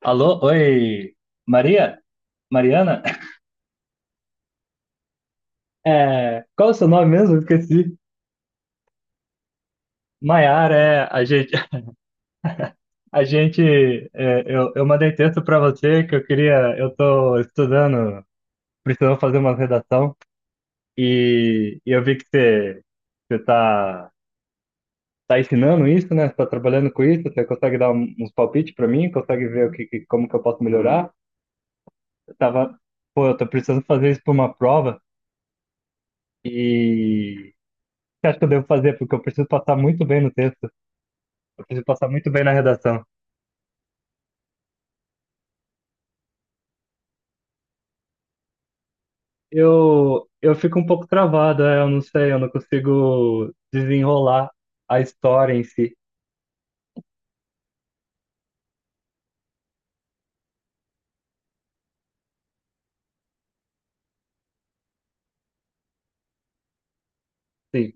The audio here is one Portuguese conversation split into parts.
Alô, oi, Maria? Mariana? É, qual é o seu nome mesmo? Esqueci. Maiara, é, a gente, a gente, é, eu mandei texto para você que eu queria, eu tô estudando, precisando fazer uma redação e eu vi que você, tá ensinando isso, né? Você tá trabalhando com isso, você consegue dar uns palpites para mim, consegue ver como que eu posso melhorar? Eu tava, pô, eu tô precisando fazer isso para uma prova e que acho que eu devo fazer? Porque eu preciso passar muito bem no texto. Eu preciso passar muito bem na redação. Eu fico um pouco travado, é, eu não sei, eu não consigo desenrolar a história em si. Sim.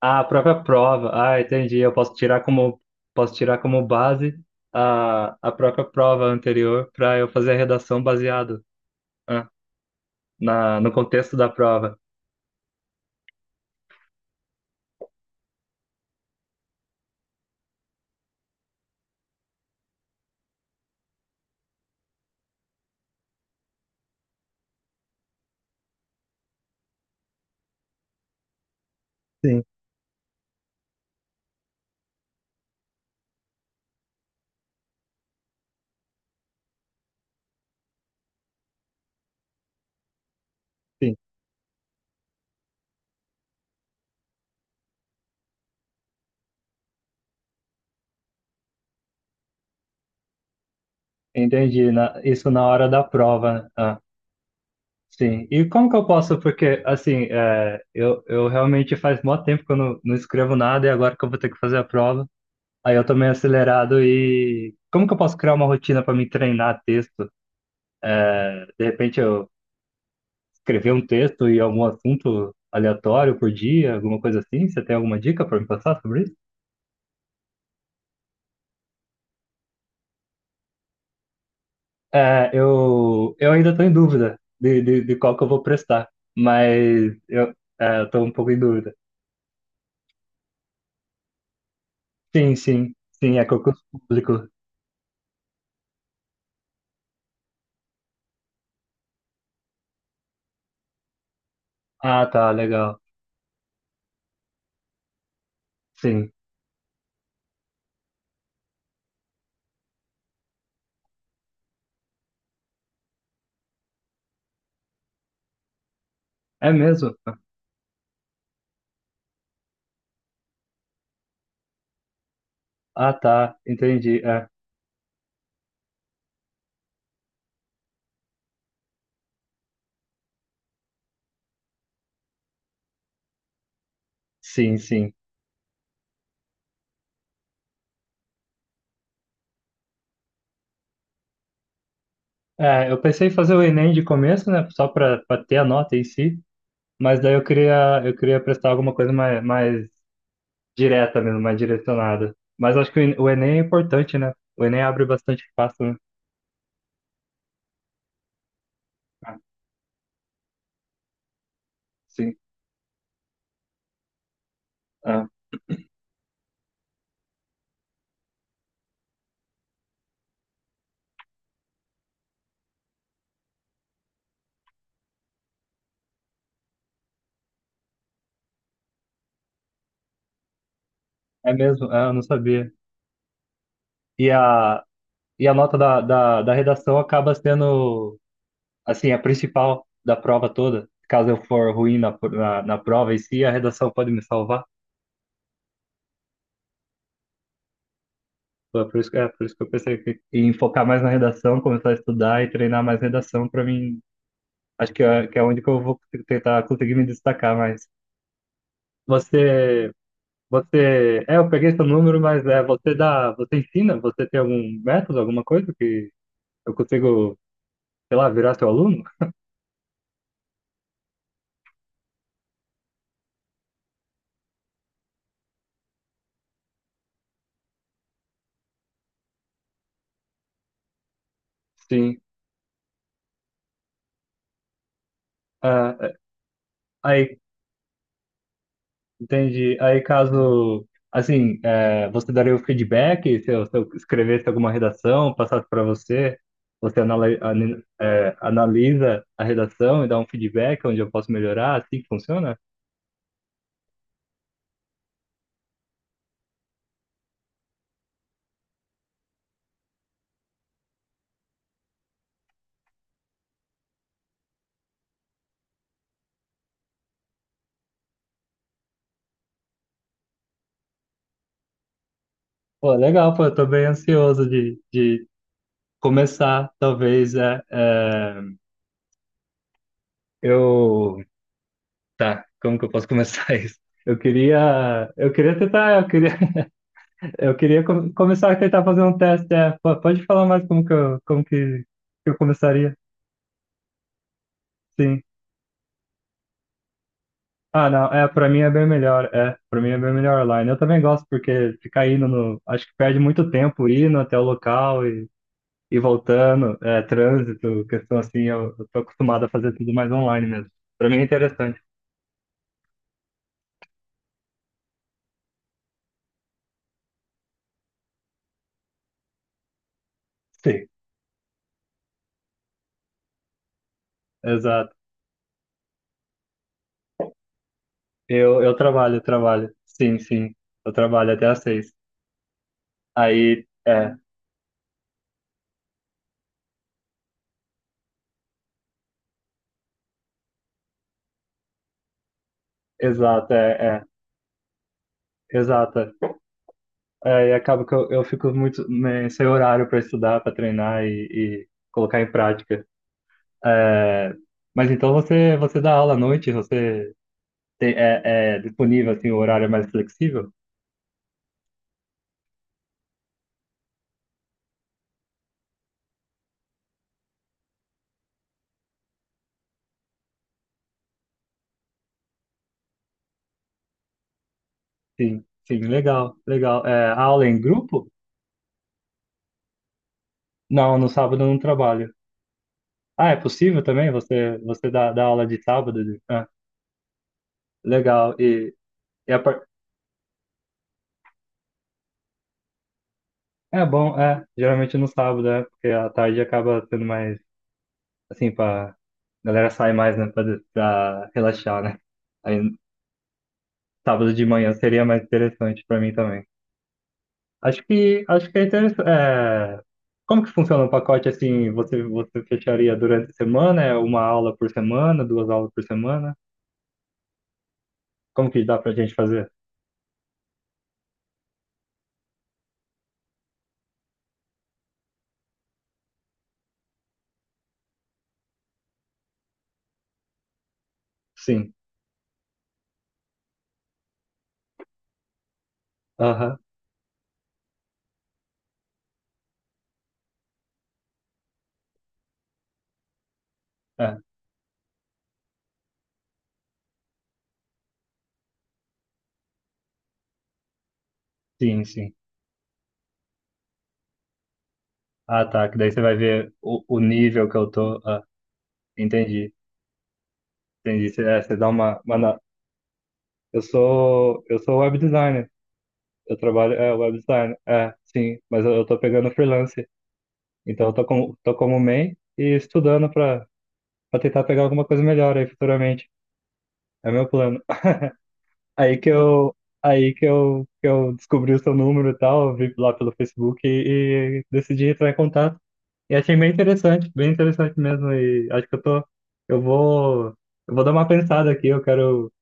Ah, a própria prova. Ah, entendi. Eu posso tirar como base a própria prova anterior para eu fazer a redação baseado, ah, no contexto da prova. Sim, sim. Entendi, isso na hora da prova, né? Ah, sim. E como que eu posso, porque, assim, é, eu realmente faz mó tempo que eu não escrevo nada e agora que eu vou ter que fazer a prova, aí eu tô meio acelerado e como que eu posso criar uma rotina para me treinar texto? De repente eu escrever um texto e algum assunto aleatório por dia, alguma coisa assim? Você tem alguma dica para me passar sobre isso? É, eu ainda estou em dúvida de qual que eu vou prestar, mas eu, estou um pouco em dúvida. Sim, sim, sim, é concurso público. Ah, tá, legal. Sim. É mesmo? Ah, tá, entendi. É, sim, sim. É, eu pensei em fazer o Enem de começo, né, só para ter a nota em si, mas daí eu queria prestar alguma coisa mais, direta mesmo, mais direcionada. Mas acho que o Enem é importante, né? O Enem abre bastante espaço, né? Ah, sim. Ah, é mesmo? Ah, eu não sabia. E a, e a nota da redação acaba sendo, assim, a principal da prova toda. Caso eu for ruim na prova em si, a redação pode me salvar. Foi por isso, por isso que eu pensei que, em focar mais na redação, começar a estudar e treinar mais redação para mim. Acho que é onde que eu vou tentar conseguir me destacar mais. Você, eu peguei seu número, mas você ensina? Você tem algum método, alguma coisa que eu consigo, sei lá, virar seu aluno? Sim. Ah, aí, entendi. Aí, caso, assim, é, você daria o feedback, se eu, escrevesse alguma redação, passasse para você, você analisa a redação e dá um feedback onde eu posso melhorar, assim que funciona? Pô, legal, pô, eu tô bem ansioso de começar, talvez, eu... Tá, como que eu posso começar isso? Eu queria tentar, começar a tentar fazer um teste, pode falar mais como que eu começaria? Sim. Ah, não. É, pra mim é bem melhor. É, pra mim é bem melhor online. Eu também gosto, porque ficar indo no. Acho que perde muito tempo indo até o local e voltando. É, trânsito, questão assim, eu tô acostumado a fazer tudo mais online mesmo. Pra mim é interessante. Sim. Exato. Eu trabalho, eu trabalho. Sim, sim. Eu trabalho até às seis. Aí, é, exato, é, é. Exato. É. É, e acaba que eu fico muito né, sem horário para estudar, para treinar e colocar em prática. É, mas então você, dá aula à noite, você tem, é disponível assim, o horário é mais flexível? Sim, sim, legal, legal. É, a aula é em grupo? Não, no sábado eu não trabalho. Ah, é possível também? Você dá aula de sábado? Ah, legal. E, e a par- é bom, é, geralmente no sábado, é, porque a tarde acaba sendo mais, assim, pra... A galera sai mais, né, pra relaxar, né? Aí sábado de manhã seria mais interessante pra mim também. Acho que é interessante. É, como que funciona um pacote assim? Você fecharia durante a semana? É uma aula por semana, duas aulas por semana? Como que dá pra gente fazer? Sim. Aham. É. Sim, sim. Ah, tá. Que daí você vai ver o nível que eu tô. Ah, entendi. Entendi. Você dá uma. Eu sou web designer. Eu trabalho. É, web design. É, sim. Mas eu tô pegando freelance. Então eu tô como main e estudando pra tentar pegar alguma coisa melhor aí futuramente. É meu plano. Aí que eu, que eu descobri o seu número e tal, vi lá pelo Facebook e decidi entrar em contato. E achei bem interessante mesmo. E acho que eu vou, eu vou dar uma pensada aqui. Eu quero,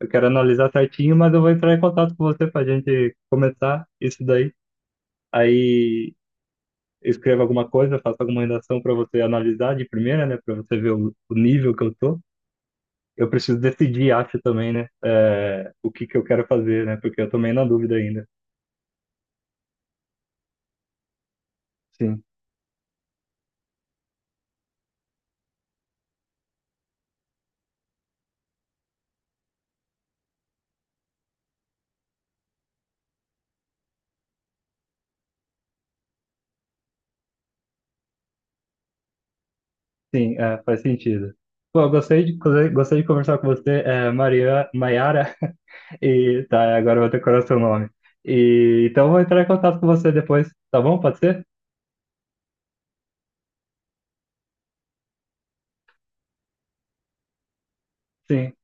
eu quero analisar certinho, mas eu vou entrar em contato com você pra gente começar isso daí. Aí escreva alguma coisa, faça alguma redação pra você analisar de primeira, né? Pra você ver o nível que eu tô. Eu preciso decidir, acho também, né? O que que eu quero fazer, né? Porque eu tô meio na dúvida ainda. Sim, sim, é, faz sentido. Pô, eu gostei de conversar com você, Maiara, e tá, agora eu vou decorar seu nome. E, então eu vou entrar em contato com você depois, tá bom? Pode ser? Sim,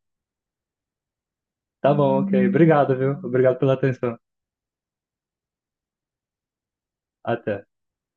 tá bom, ok. Obrigado, viu? Obrigado pela atenção. Até.